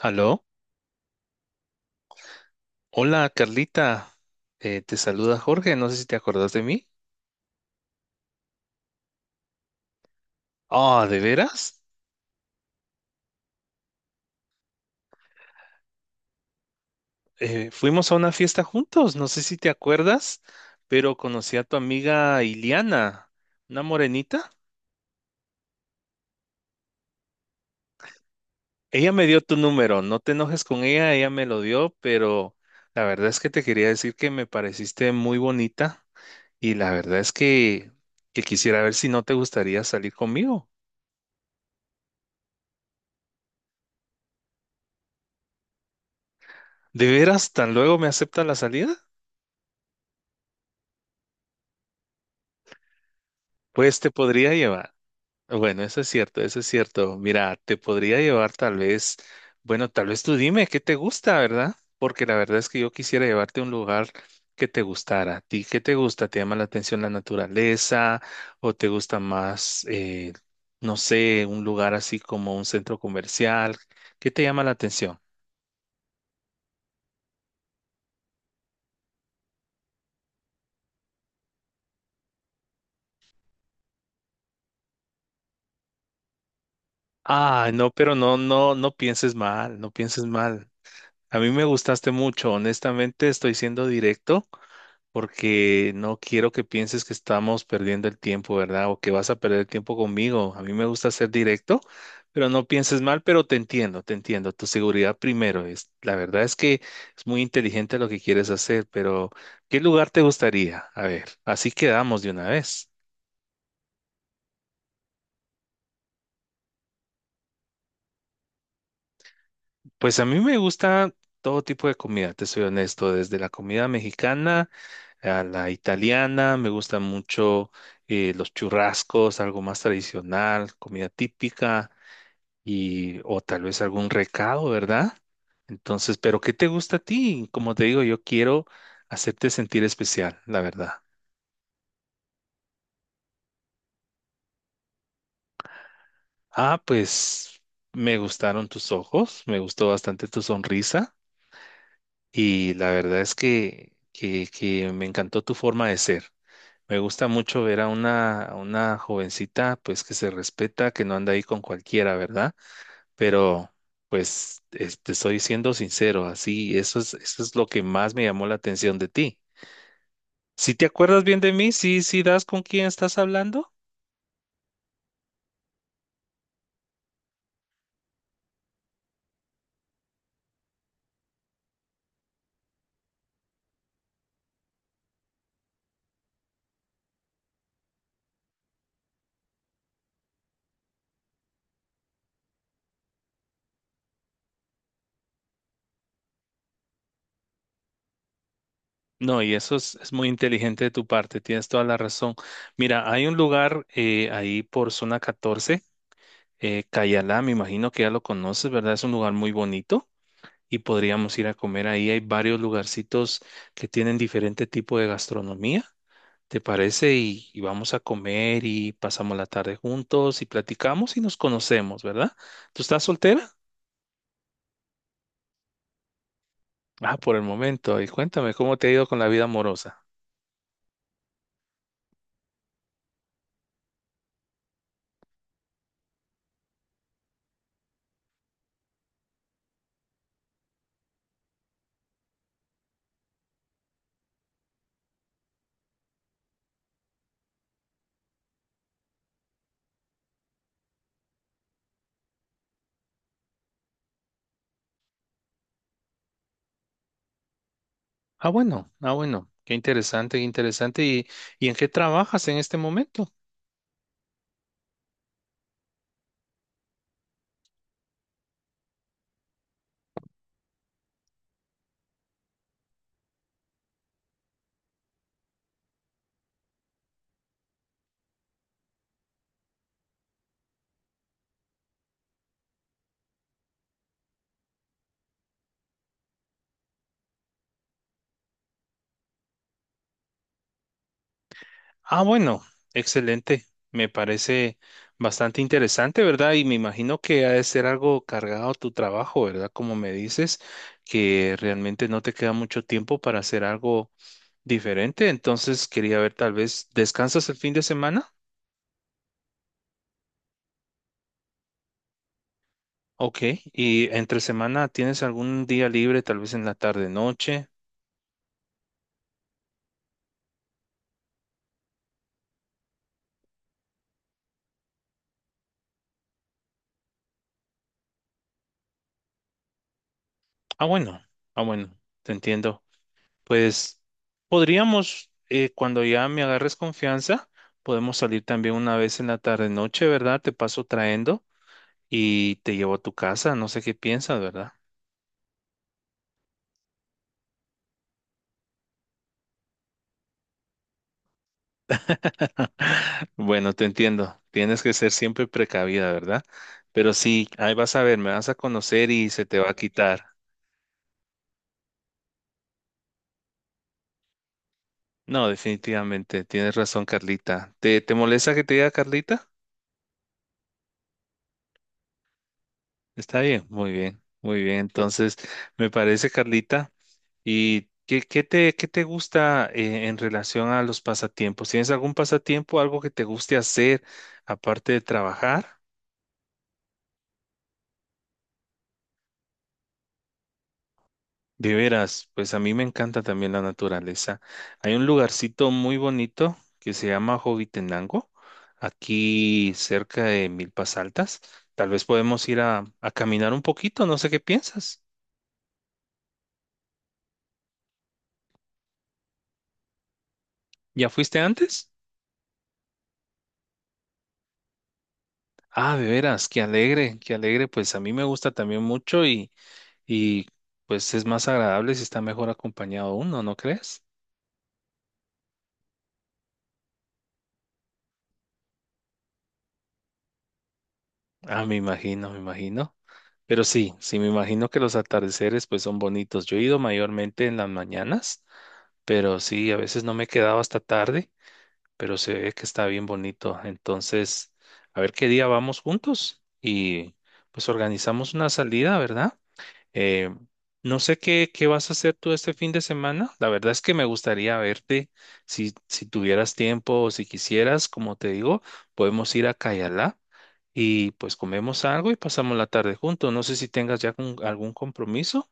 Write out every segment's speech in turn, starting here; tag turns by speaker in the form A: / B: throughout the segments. A: Aló, hola Carlita, te saluda Jorge, no sé si te acordás de mí. Ah, ¿de veras? Fuimos a una fiesta juntos, no sé si te acuerdas, pero conocí a tu amiga Iliana, una morenita. Ella me dio tu número, no te enojes con ella, ella me lo dio, pero la verdad es que te quería decir que me pareciste muy bonita y la verdad es que quisiera ver si no te gustaría salir conmigo. ¿De veras tan luego me acepta la salida? Pues te podría llevar. Bueno, eso es cierto, eso es cierto. Mira, te podría llevar tal vez, bueno, tal vez tú dime qué te gusta, ¿verdad? Porque la verdad es que yo quisiera llevarte a un lugar que te gustara. ¿A ti qué te gusta? ¿Te llama la atención la naturaleza o te gusta más, no sé, un lugar así como un centro comercial? ¿Qué te llama la atención? Ah, no, pero no, no, no pienses mal, no pienses mal. A mí me gustaste mucho, honestamente estoy siendo directo porque no quiero que pienses que estamos perdiendo el tiempo, ¿verdad? O que vas a perder el tiempo conmigo. A mí me gusta ser directo, pero no pienses mal, pero te entiendo, te entiendo. Tu seguridad primero es, la verdad es que es muy inteligente lo que quieres hacer, pero ¿qué lugar te gustaría? A ver, así quedamos de una vez. Pues a mí me gusta todo tipo de comida, te soy honesto, desde la comida mexicana a la italiana, me gustan mucho los churrascos, algo más tradicional, comida típica y o tal vez algún recado, ¿verdad? Entonces, pero ¿qué te gusta a ti? Como te digo, yo quiero hacerte sentir especial, la verdad. Ah, pues me gustaron tus ojos, me gustó bastante tu sonrisa y la verdad es que me encantó tu forma de ser. Me gusta mucho ver a una jovencita, pues que se respeta, que no anda ahí con cualquiera, ¿verdad? Pero, pues, te estoy siendo sincero, así, eso es lo que más me llamó la atención de ti. Si te acuerdas bien de mí, sí, sí das con quién estás hablando. No, y eso es muy inteligente de tu parte, tienes toda la razón. Mira, hay un lugar ahí por zona 14, Cayalá, me imagino que ya lo conoces, ¿verdad? Es un lugar muy bonito y podríamos ir a comer ahí. Hay varios lugarcitos que tienen diferente tipo de gastronomía, ¿te parece? Y vamos a comer y pasamos la tarde juntos y platicamos y nos conocemos, ¿verdad? ¿Tú estás soltera? Ah, por el momento. Y cuéntame, ¿cómo te ha ido con la vida amorosa? Ah, bueno, ah, bueno, qué interesante, qué interesante. ¿Y en qué trabajas en este momento? Ah, bueno, excelente. Me parece bastante interesante, ¿verdad? Y me imagino que ha de ser algo cargado tu trabajo, ¿verdad? Como me dices, que realmente no te queda mucho tiempo para hacer algo diferente. Entonces, quería ver, tal vez, ¿descansas el fin de semana? Ok. ¿Y entre semana tienes algún día libre, tal vez en la tarde, noche? Ah, bueno, ah, bueno, te entiendo. Pues podríamos, cuando ya me agarres confianza, podemos salir también una vez en la tarde noche, ¿verdad? Te paso trayendo y te llevo a tu casa, no sé qué piensas, ¿verdad? Bueno, te entiendo. Tienes que ser siempre precavida, ¿verdad? Pero sí, ahí vas a ver, me vas a conocer y se te va a quitar. No, definitivamente, tienes razón, Carlita. Te molesta que te diga Carlita? Está bien, muy bien, muy bien. Entonces, me parece, Carlita. ¿Y qué, qué te gusta en relación a los pasatiempos? ¿Tienes algún pasatiempo, algo que te guste hacer aparte de trabajar? De veras, pues a mí me encanta también la naturaleza. Hay un lugarcito muy bonito que se llama Jovitenango, aquí cerca de Milpas Altas. Tal vez podemos ir a caminar un poquito, no sé qué piensas. ¿Ya fuiste antes? Ah, de veras, qué alegre, qué alegre. Pues a mí me gusta también mucho y pues es más agradable si está mejor acompañado uno, ¿no crees? Ah, me imagino, me imagino. Pero sí, sí, me imagino que los atardeceres pues son bonitos. Yo he ido mayormente en las mañanas, pero sí, a veces no me he quedado hasta tarde, pero se ve que está bien bonito. Entonces, a ver qué día vamos juntos y pues organizamos una salida, ¿verdad? Eh, no sé qué, qué vas a hacer tú este fin de semana. La verdad es que me gustaría verte si tuvieras tiempo o si quisieras, como te digo, podemos ir a Cayalá y pues comemos algo y pasamos la tarde juntos. No sé si tengas ya algún compromiso.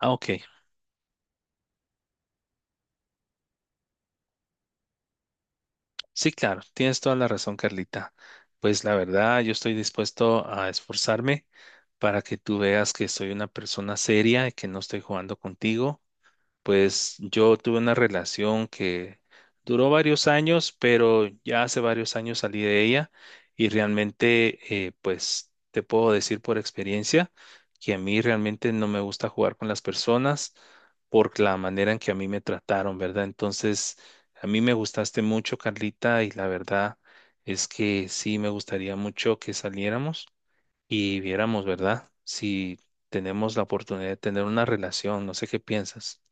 A: Ah, ok. Sí, claro, tienes toda la razón, Carlita. Pues la verdad, yo estoy dispuesto a esforzarme para que tú veas que soy una persona seria y que no estoy jugando contigo. Pues yo tuve una relación que duró varios años, pero ya hace varios años salí de ella y realmente, pues te puedo decir por experiencia que a mí realmente no me gusta jugar con las personas por la manera en que a mí me trataron, ¿verdad? Entonces, a mí me gustaste mucho, Carlita, y la verdad es que sí me gustaría mucho que saliéramos y viéramos, ¿verdad? Si tenemos la oportunidad de tener una relación, no sé qué piensas.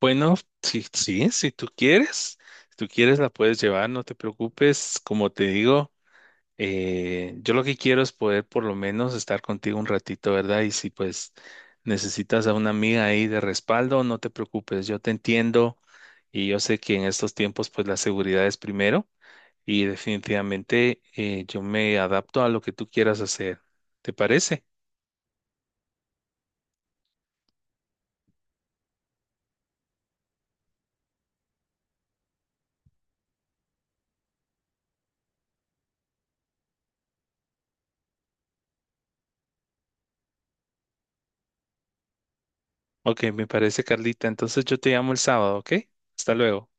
A: Bueno, sí, sí, si tú quieres, si tú quieres la puedes llevar, no te preocupes. Como te digo, yo lo que quiero es poder por lo menos estar contigo un ratito, ¿verdad? Y si pues necesitas a una amiga ahí de respaldo, no te preocupes, yo te entiendo y yo sé que en estos tiempos pues la seguridad es primero y definitivamente yo me adapto a lo que tú quieras hacer. ¿Te parece? Ok, me parece, Carlita. Entonces yo te llamo el sábado, ¿ok? Hasta luego.